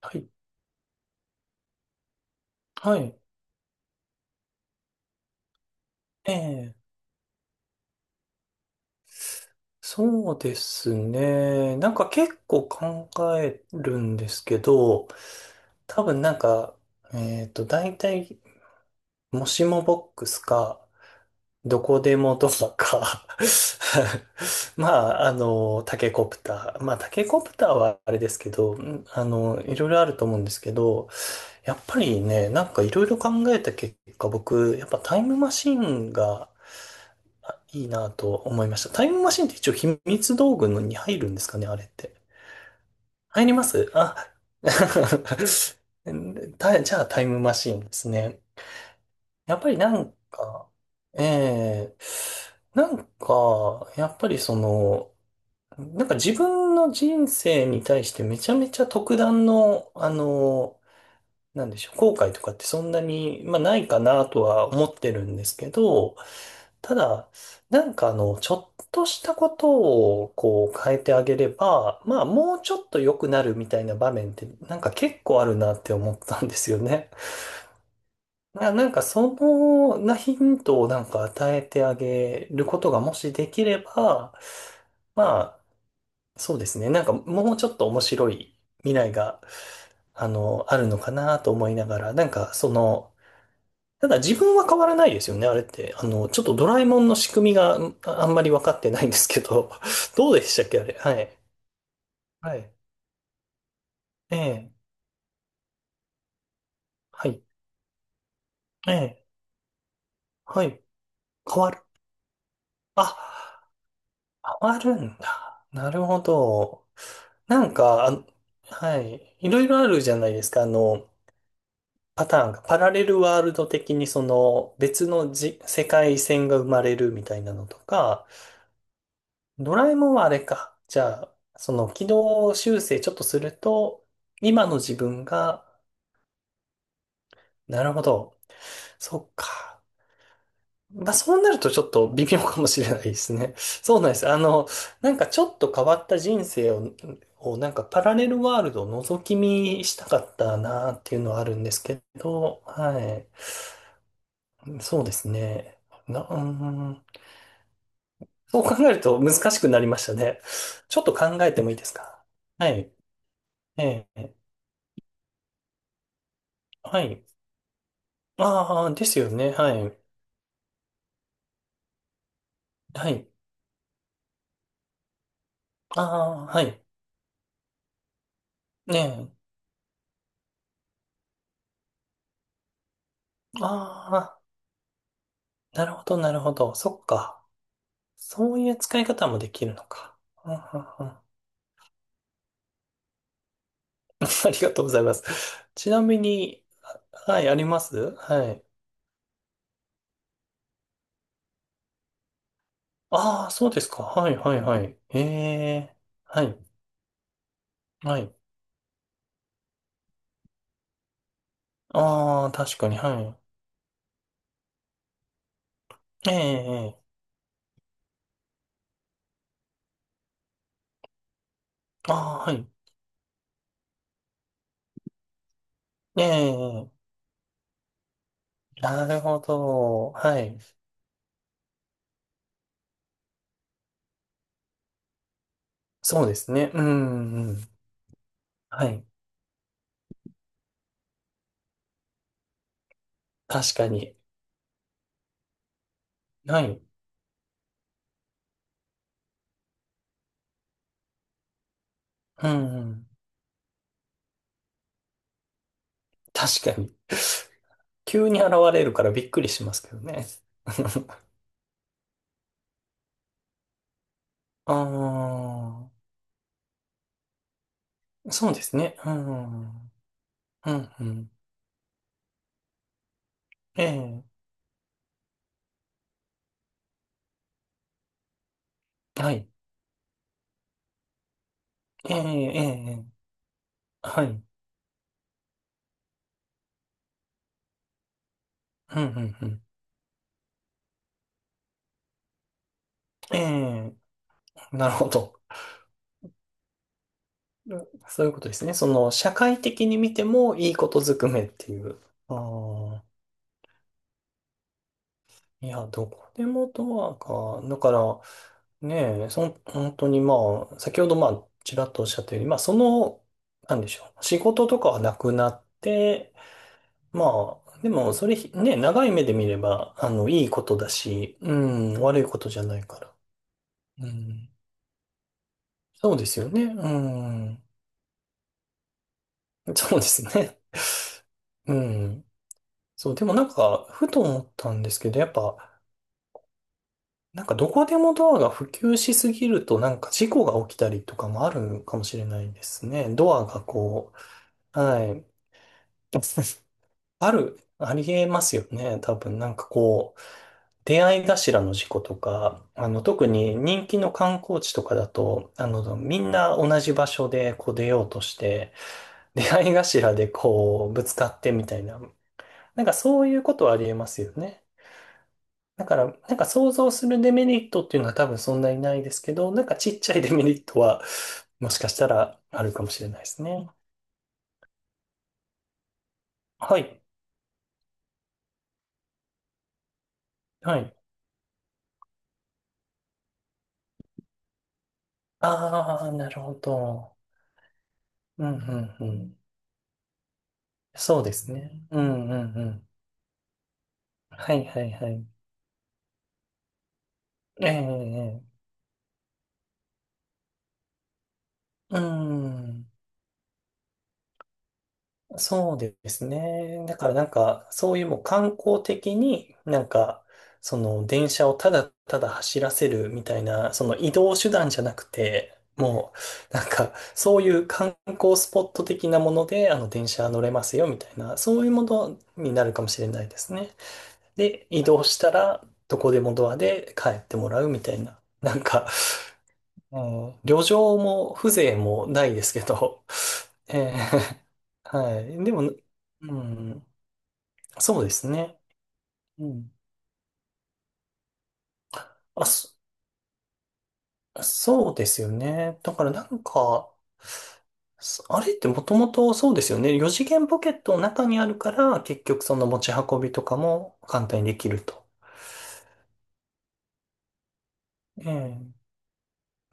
はい。はい。ええ、そうですね。結構考えるんですけど、多分なんか、えっと、大体、もしもボックスか、どこでもドアか。 タケコプター。まあ、タケコプターはあれですけど、いろいろあると思うんですけど、やっぱりね、いろいろ考えた結果、僕、やっぱタイムマシンがいいなと思いました。タイムマシンって一応秘密道具のに入るんですかね、あれって。入りますあ、じゃあタイムマシンですね。やっぱりなんか、ええやっぱりその、自分の人生に対してめちゃめちゃ特段の、あの、なんでしょう、後悔とかってそんなに、まあ、ないかなとは思ってるんですけど、ただ、ちょっとしたことをこう変えてあげれば、まあもうちょっと良くなるみたいな場面って結構あるなって思ったんですよね。そのなヒントを与えてあげることがもしできれば、まあそうですね。もうちょっと面白い未来があるのかなと思いながら、ただ自分は変わらないですよね、あれって。あの、ちょっとドラえもんの仕組みがあんまり分かってないんですけど、どうでしたっけ、あれ。はい。はい。ええ。はい。ええ。はい。変わる。あ、変わるんだ。なるほど。なんか、あはい。いろいろあるじゃないですか、あの、パターンが。パラレルワールド的にその別の世界線が生まれるみたいなのとか、ドラえもんはあれか。じゃあ、その軌道修正ちょっとすると、今の自分が、なるほど。そっか。まあそうなるとちょっと微妙かもしれないですね。そうなんです。あの、ちょっと変わった人生を、なんかパラレルワールドを覗き見したかったなっていうのはあるんですけど、はい。そうですね。うーん。そう考えると難しくなりましたね。ちょっと考えてもいいですか。はい。ええ。はい。ああ、ですよね。はい。はい。ああ、はい。ねえ。ああ、なるほど、なるほど。そっか。そういう使い方もできるのか。うんうんうん。 ありがとうございます。ちなみに、はい、あります、はい。ああ、そうですか。はい、はい、はい。ええ、はい、はい。ああ、確かに、はい。ええ、ええ、ああ、はい。ええ、なるほど。はい。そうですね。うん、うん。はい。確かに。はい。うん。確かに。急に現れるからびっくりしますけどね。ああ、そうですね。うん。うん、うん。ええ、はい。ええ、ええ、はい。うん、うん、うん。ええ、なるほど。そういうことですね。その、社会的に見てもいいことずくめっていう。ああ、いや、どこでもドアか。だから、ねえ、本当に先ほどちらっとおっしゃったように、まあ、その、なんでしょう、仕事とかはなくなって、まあ、でも、それ、ね、長い目で見れば、あの、いいことだし、うん、悪いことじゃないから。うん、そうですよね。うん、そうですね。うん。そう、でもふと思ったんですけど、やっぱ、どこでもドアが普及しすぎると、事故が起きたりとかもあるかもしれないですね。ドアがこう、はい。ありえますよね。多分、出会い頭の事故とか、あの、特に人気の観光地とかだと、あの、みんな同じ場所でこう出ようとして、出会い頭でこう、ぶつかってみたいな、そういうことはありえますよね。だから、想像するデメリットっていうのは多分そんなにないですけど、ちっちゃいデメリットは、もしかしたらあるかもしれないですね。はい。はい。ああ、なるほど。うん、うん、うん。そうですね。うんうんうん。はいはいはい。ええ、ええ、うん。そうですね。だからそういうもう観光的に、その電車をただただ走らせるみたいな、その移動手段じゃなくて、もう、なんか、そういう観光スポット的なもので、あの、電車乗れますよみたいな、そういうものになるかもしれないですね。で、移動したら、どこでもドアで帰ってもらうみたいな。もう旅情も風情もないですけど、えー はい。でも、うん、そうですね。うん。あ、そ、そうですよね。だからあれってもともとそうですよね。4次元ポケットの中にあるから、結局その持ち運びとかも簡単にできると。え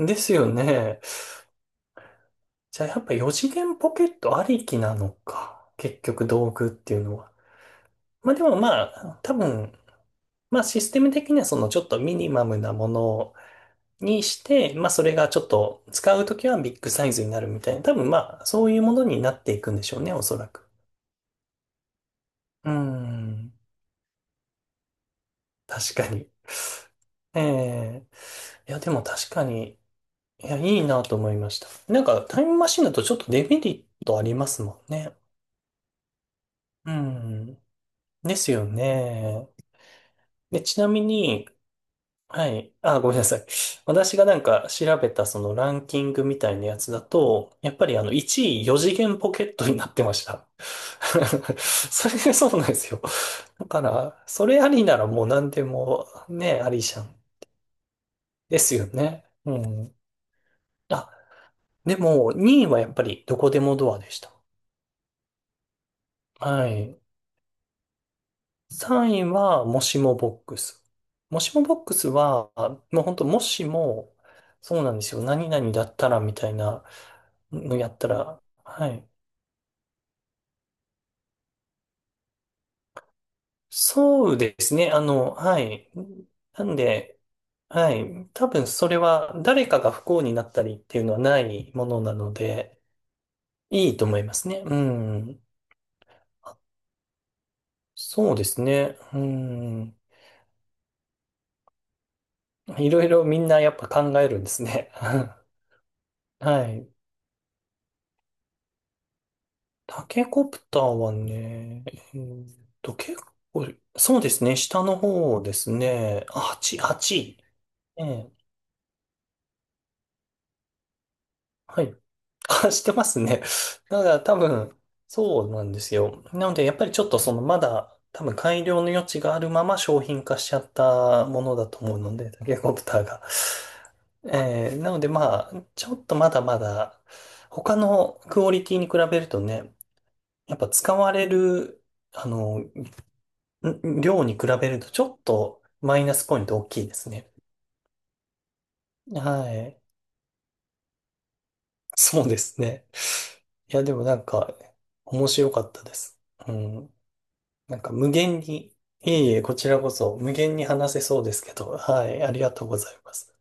え、ですよね。じゃあやっぱ4次元ポケットありきなのか。結局道具っていうのは。まあでもまあ、多分まあシステム的にはそのちょっとミニマムなものにして、まあそれがちょっと使うときはビッグサイズになるみたいな、多分まあそういうものになっていくんでしょうね、おそらく。うーん、確かに。ええ、いやでも確かに、いやいいなと思いました。なんかタイムマシンだとちょっとデメリットありますもんね。うん、ですよね。で、ちなみに、はい。あ、ごめんなさい。私が調べたそのランキングみたいなやつだと、やっぱりあの1位4次元ポケットになってました。それがそうなんですよ。だから、それありならもう何でもね、ありじゃん。ですよね。うん。あ、でも2位はやっぱりどこでもドアでした。はい。3位はもしもボックス。もしもボックスは、もう本当もしも、そうなんですよ。何々だったらみたいな。のやったら、はい。そうですね。あの、はい。なんで、はい。多分それは誰かが不幸になったりっていうのはないものなので、いいと思いますね。うん。そうですね。うん。いろいろみんなやっぱ考えるんですね。はい。タケコプターはね、結構、そうですね。下の方ですね。あ、8、はちいええ。はい。あしてますね。だから多分、そうなんですよ。なので、やっぱりちょっとその、まだ、多分改良の余地があるまま商品化しちゃったものだと思うので、タケコプターが。なので、まあ、ちょっとまだまだ、他のクオリティに比べるとね、やっぱ使われる、あの、ん量に比べると、ちょっとマイナスポイント大きいですね。はい。そうですね。いや、でも面白かったです。うん。なんか無限に、いえいえ、こちらこそ無限に話せそうですけど、はい、ありがとうございます。